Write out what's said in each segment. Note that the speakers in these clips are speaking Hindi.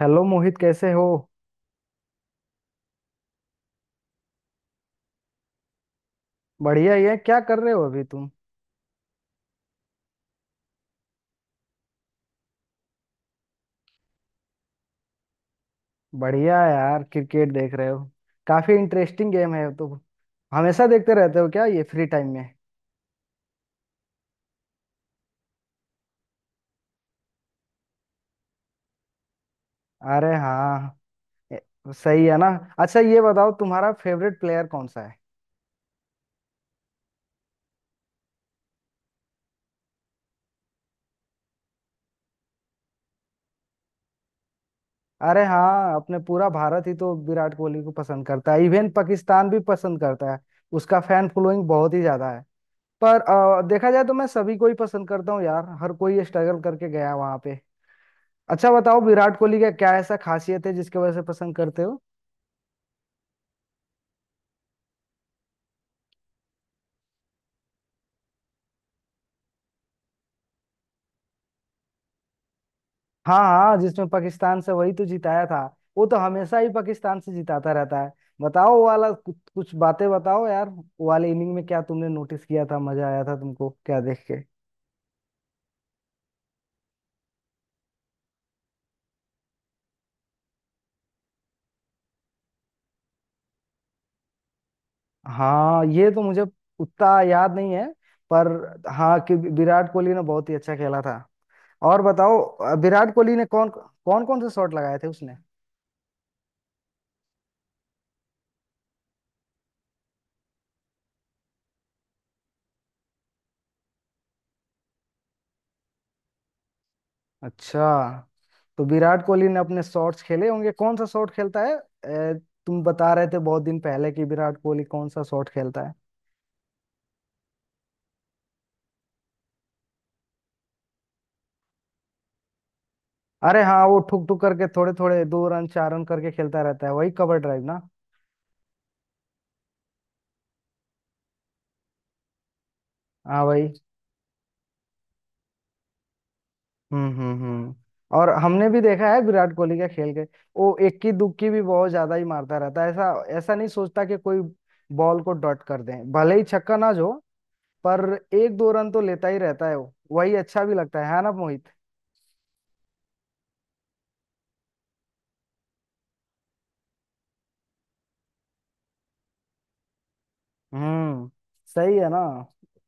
हेलो मोहित, कैसे हो। बढ़िया ही है। क्या कर रहे हो अभी तुम। बढ़िया यार, क्रिकेट देख रहे हो। काफी इंटरेस्टिंग गेम है तो। हमेशा देखते रहते हो क्या ये फ्री टाइम में। अरे हाँ। ए- सही है ना। अच्छा ये बताओ, तुम्हारा फेवरेट प्लेयर कौन सा है। अरे हाँ, अपने पूरा भारत ही तो विराट कोहली को पसंद करता है, इवन पाकिस्तान भी पसंद करता है। उसका फैन फॉलोइंग बहुत ही ज्यादा है। पर देखा जाए तो मैं सभी को ही पसंद करता हूँ यार, हर कोई स्ट्रगल करके गया वहां पे। अच्छा बताओ, विराट कोहली का क्या ऐसा खासियत है जिसके वजह से पसंद करते हो। हाँ हाँ, जिसमें पाकिस्तान से वही तो जिताया था। वो तो हमेशा ही पाकिस्तान से जिताता रहता है। बताओ वो वाला कुछ बातें बताओ यार, वो वाले इनिंग में क्या तुमने नोटिस किया था, मजा आया था तुमको क्या देख के। हाँ ये तो मुझे उतना याद नहीं है। पर हाँ, कि विराट कोहली ने बहुत ही अच्छा खेला था। और बताओ विराट कोहली ने कौन कौन कौन से शॉट लगाए थे उसने। अच्छा, तो विराट कोहली ने अपने शॉट्स खेले होंगे, कौन सा शॉट खेलता है तुम बता रहे थे बहुत दिन पहले कि विराट कोहली कौन सा शॉट खेलता है। अरे हाँ, वो ठुक ठुक करके थोड़े थोड़े दो रन चार रन करके खेलता रहता है, वही कवर ड्राइव ना। हाँ भाई। हम्म। और हमने भी देखा है विराट कोहली का खेल के, वो इक्की दुक्की भी बहुत ज्यादा ही मारता रहता है। ऐसा ऐसा नहीं सोचता कि कोई बॉल को डॉट कर दे, भले ही छक्का ना जो। पर एक दो रन तो लेता ही रहता है वो, वही अच्छा भी लगता है ना मोहित। हम्म। सही है ना।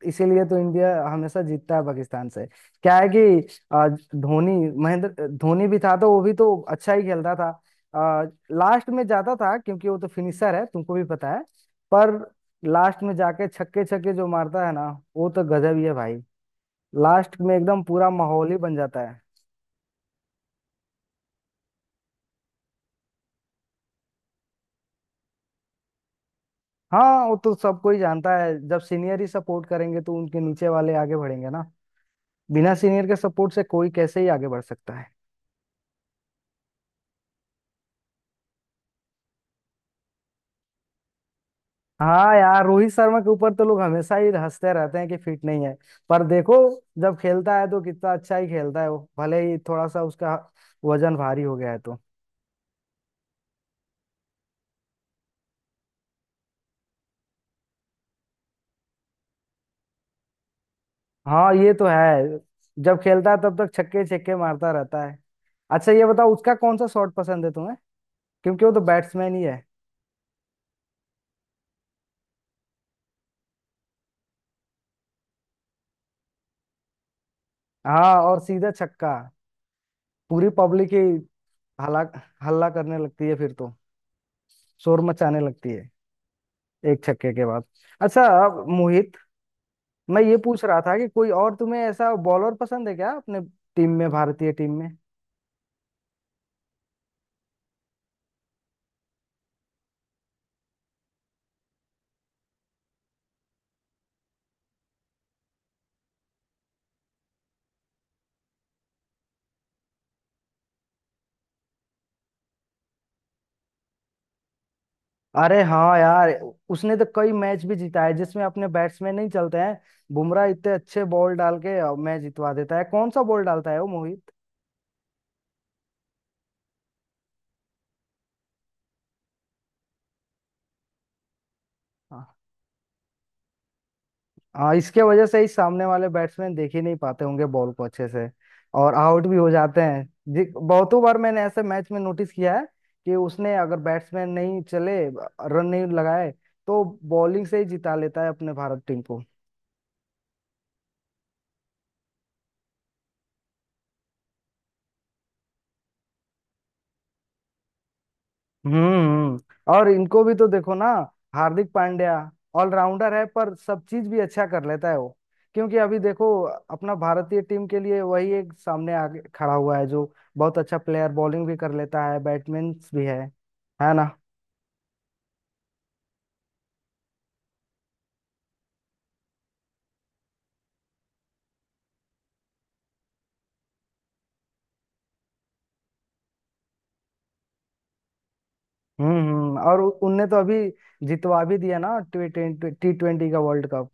इसीलिए तो इंडिया हमेशा जीतता है पाकिस्तान से। क्या है कि धोनी, महेंद्र धोनी भी था तो वो भी तो अच्छा ही खेलता था। आ, लास्ट में जाता था क्योंकि वो तो फिनिशर है, तुमको भी पता है। पर लास्ट में जाके छक्के छक्के जो मारता है ना, वो तो गजब ही है भाई। लास्ट में एकदम पूरा माहौल ही बन जाता है। हाँ वो तो सबको ही जानता है, जब सीनियर ही सपोर्ट करेंगे तो उनके नीचे वाले आगे बढ़ेंगे ना। बिना सीनियर के सपोर्ट से कोई कैसे ही आगे बढ़ सकता है। हाँ यार, रोहित शर्मा के ऊपर तो लोग हमेशा ही हंसते रहते हैं कि फिट नहीं है। पर देखो, जब खेलता है तो कितना अच्छा ही खेलता है, वो भले ही थोड़ा सा उसका वजन भारी हो गया है तो। हाँ ये तो है, जब खेलता है तब तक छक्के छक्के मारता रहता है। अच्छा ये बताओ, उसका कौन सा शॉट पसंद है तुम्हें, क्योंकि वो तो बैट्समैन ही है। हाँ, और सीधा छक्का, पूरी पब्लिक ही हल्ला, हल्ला करने लगती है फिर तो, शोर मचाने लगती है एक छक्के के बाद। अच्छा अब मोहित, मैं ये पूछ रहा था कि कोई और तुम्हें ऐसा बॉलर पसंद है क्या अपने टीम में, भारतीय टीम में। अरे हाँ यार, उसने तो कई मैच भी जीता है जिसमें अपने बैट्समैन नहीं चलते हैं। बुमराह इतने अच्छे बॉल डाल के मैच जितवा देता है। कौन सा बॉल डालता है वो मोहित। हाँ हाँ, इसके वजह से ही सामने वाले बैट्समैन देख ही नहीं पाते होंगे बॉल को अच्छे से, और आउट भी हो जाते हैं। जी बहुतों बार मैंने ऐसे मैच में नोटिस किया है कि उसने, अगर बैट्समैन नहीं चले, रन नहीं लगाए, तो बॉलिंग से ही जिता लेता है अपने भारत टीम को। हम्म। और इनको भी तो देखो ना, हार्दिक पांड्या, ऑलराउंडर है पर सब चीज भी अच्छा कर लेता है वो। क्योंकि अभी देखो, अपना भारतीय टीम के लिए वही एक सामने आगे खड़ा हुआ है जो बहुत अच्छा प्लेयर, बॉलिंग भी कर लेता है, बैट्समैन भी है ना। हम्म। और उनने तो अभी जितवा भी दिया ना टी ट्वेंटी का वर्ल्ड कप।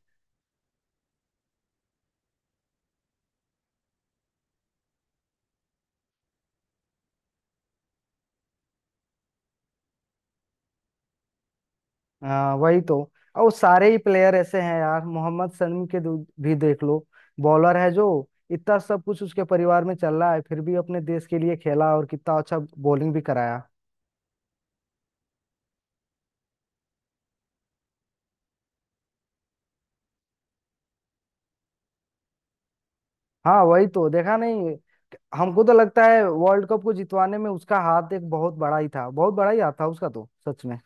हाँ वही तो। और वो सारे ही प्लेयर ऐसे हैं यार, मोहम्मद शमी के भी देख लो, बॉलर है जो, इतना सब कुछ उसके परिवार में चल रहा है फिर भी अपने देश के लिए खेला और कितना अच्छा बॉलिंग भी कराया। हाँ वही तो, देखा नहीं। हमको तो लगता है वर्ल्ड कप को जितवाने में उसका हाथ एक बहुत बड़ा ही था, बहुत बड़ा ही हाथ था उसका तो, सच में।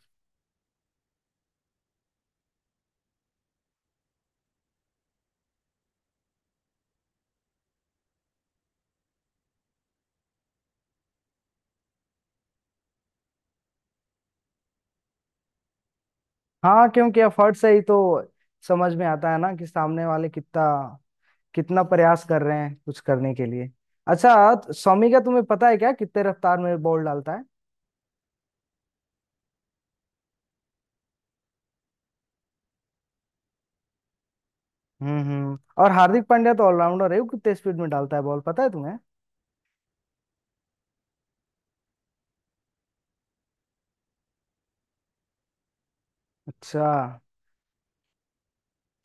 हाँ क्योंकि एफर्ट से ही तो समझ में आता है ना कि सामने वाले कितना, कितना प्रयास कर रहे हैं कुछ करने के लिए। अच्छा, तो शमी का तुम्हें पता है क्या, कितने रफ्तार में बॉल डालता है। हम्म। और हार्दिक पांड्या तो ऑलराउंडर है, वो कितने स्पीड में डालता है बॉल, पता है तुम्हें। अच्छा।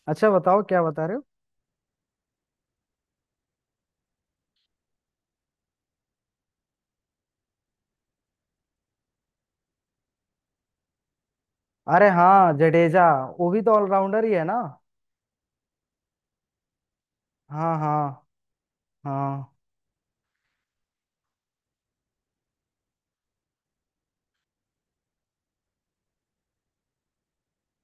अच्छा बताओ, क्या बता रहे हो। अरे हाँ, जडेजा, वो भी तो ऑलराउंडर ही है ना। हाँ हाँ। हाँ।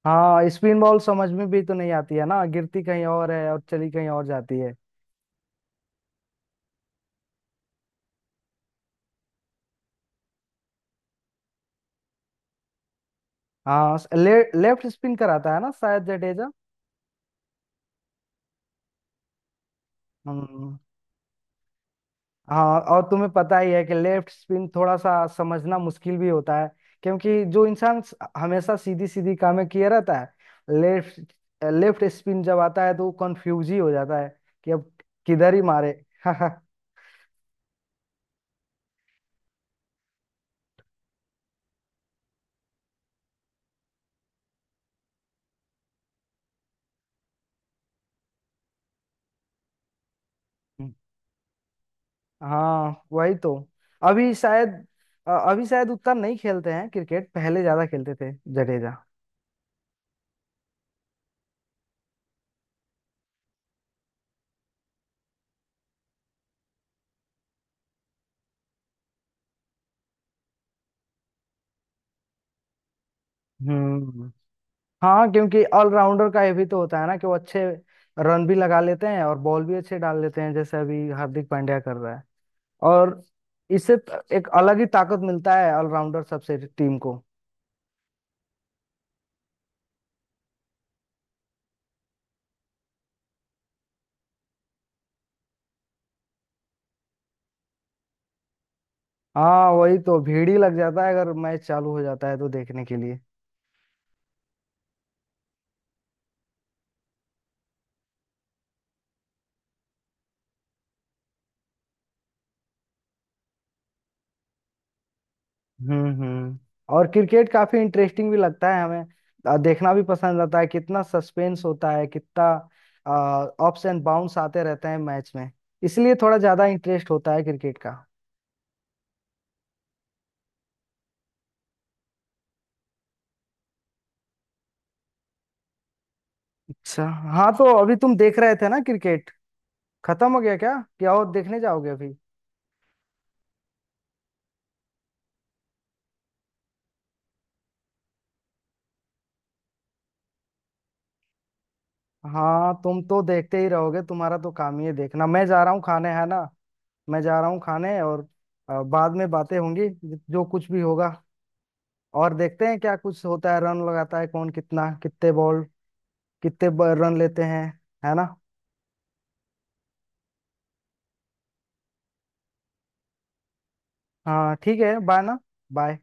हाँ स्पिन बॉल समझ में भी तो नहीं आती है ना, गिरती कहीं और है और चली कहीं और जाती है। हाँ लेफ्ट स्पिन कराता है ना शायद जडेजा। हम्म। हाँ और तुम्हें पता ही है कि लेफ्ट स्पिन थोड़ा सा समझना मुश्किल भी होता है, क्योंकि जो इंसान हमेशा सीधी सीधी कामें किए रहता है, लेफ्ट लेफ्ट स्पिन जब आता है तो वो कंफ्यूज ही हो जाता है कि अब किधर ही मारे। हाँ वही तो, अभी शायद अभी शायद उतना नहीं खेलते हैं क्रिकेट, पहले ज्यादा खेलते थे जडेजा। हम्म। हाँ क्योंकि ऑलराउंडर का ये भी तो होता है ना कि वो अच्छे रन भी लगा लेते हैं और बॉल भी अच्छे डाल लेते हैं, जैसे अभी हार्दिक पांड्या कर रहा है। और इससे एक अलग ही ताकत मिलता है ऑलराउंडर सबसे टीम को। हाँ वही तो, भीड़ ही लग जाता है अगर मैच चालू हो जाता है तो देखने के लिए। हम्म। और क्रिकेट काफी इंटरेस्टिंग भी लगता है हमें, देखना भी पसंद आता है, कितना सस्पेंस होता है, कितना अप्स एंड बाउंस आते रहते हैं मैच में, इसलिए थोड़ा ज्यादा इंटरेस्ट होता है क्रिकेट का। अच्छा। हाँ तो अभी तुम देख रहे थे ना क्रिकेट, खत्म हो गया क्या, क्या और देखने जाओगे अभी। हाँ तुम तो देखते ही रहोगे, तुम्हारा तो काम ही है देखना। मैं जा रहा हूँ खाने, है ना। मैं जा रहा हूँ खाने और बाद में बातें होंगी, जो कुछ भी होगा। और देखते हैं क्या कुछ होता है, रन लगाता है कौन कितना, कितने बॉल, रन लेते हैं, है ना। हाँ ठीक है, बाय ना। बाय।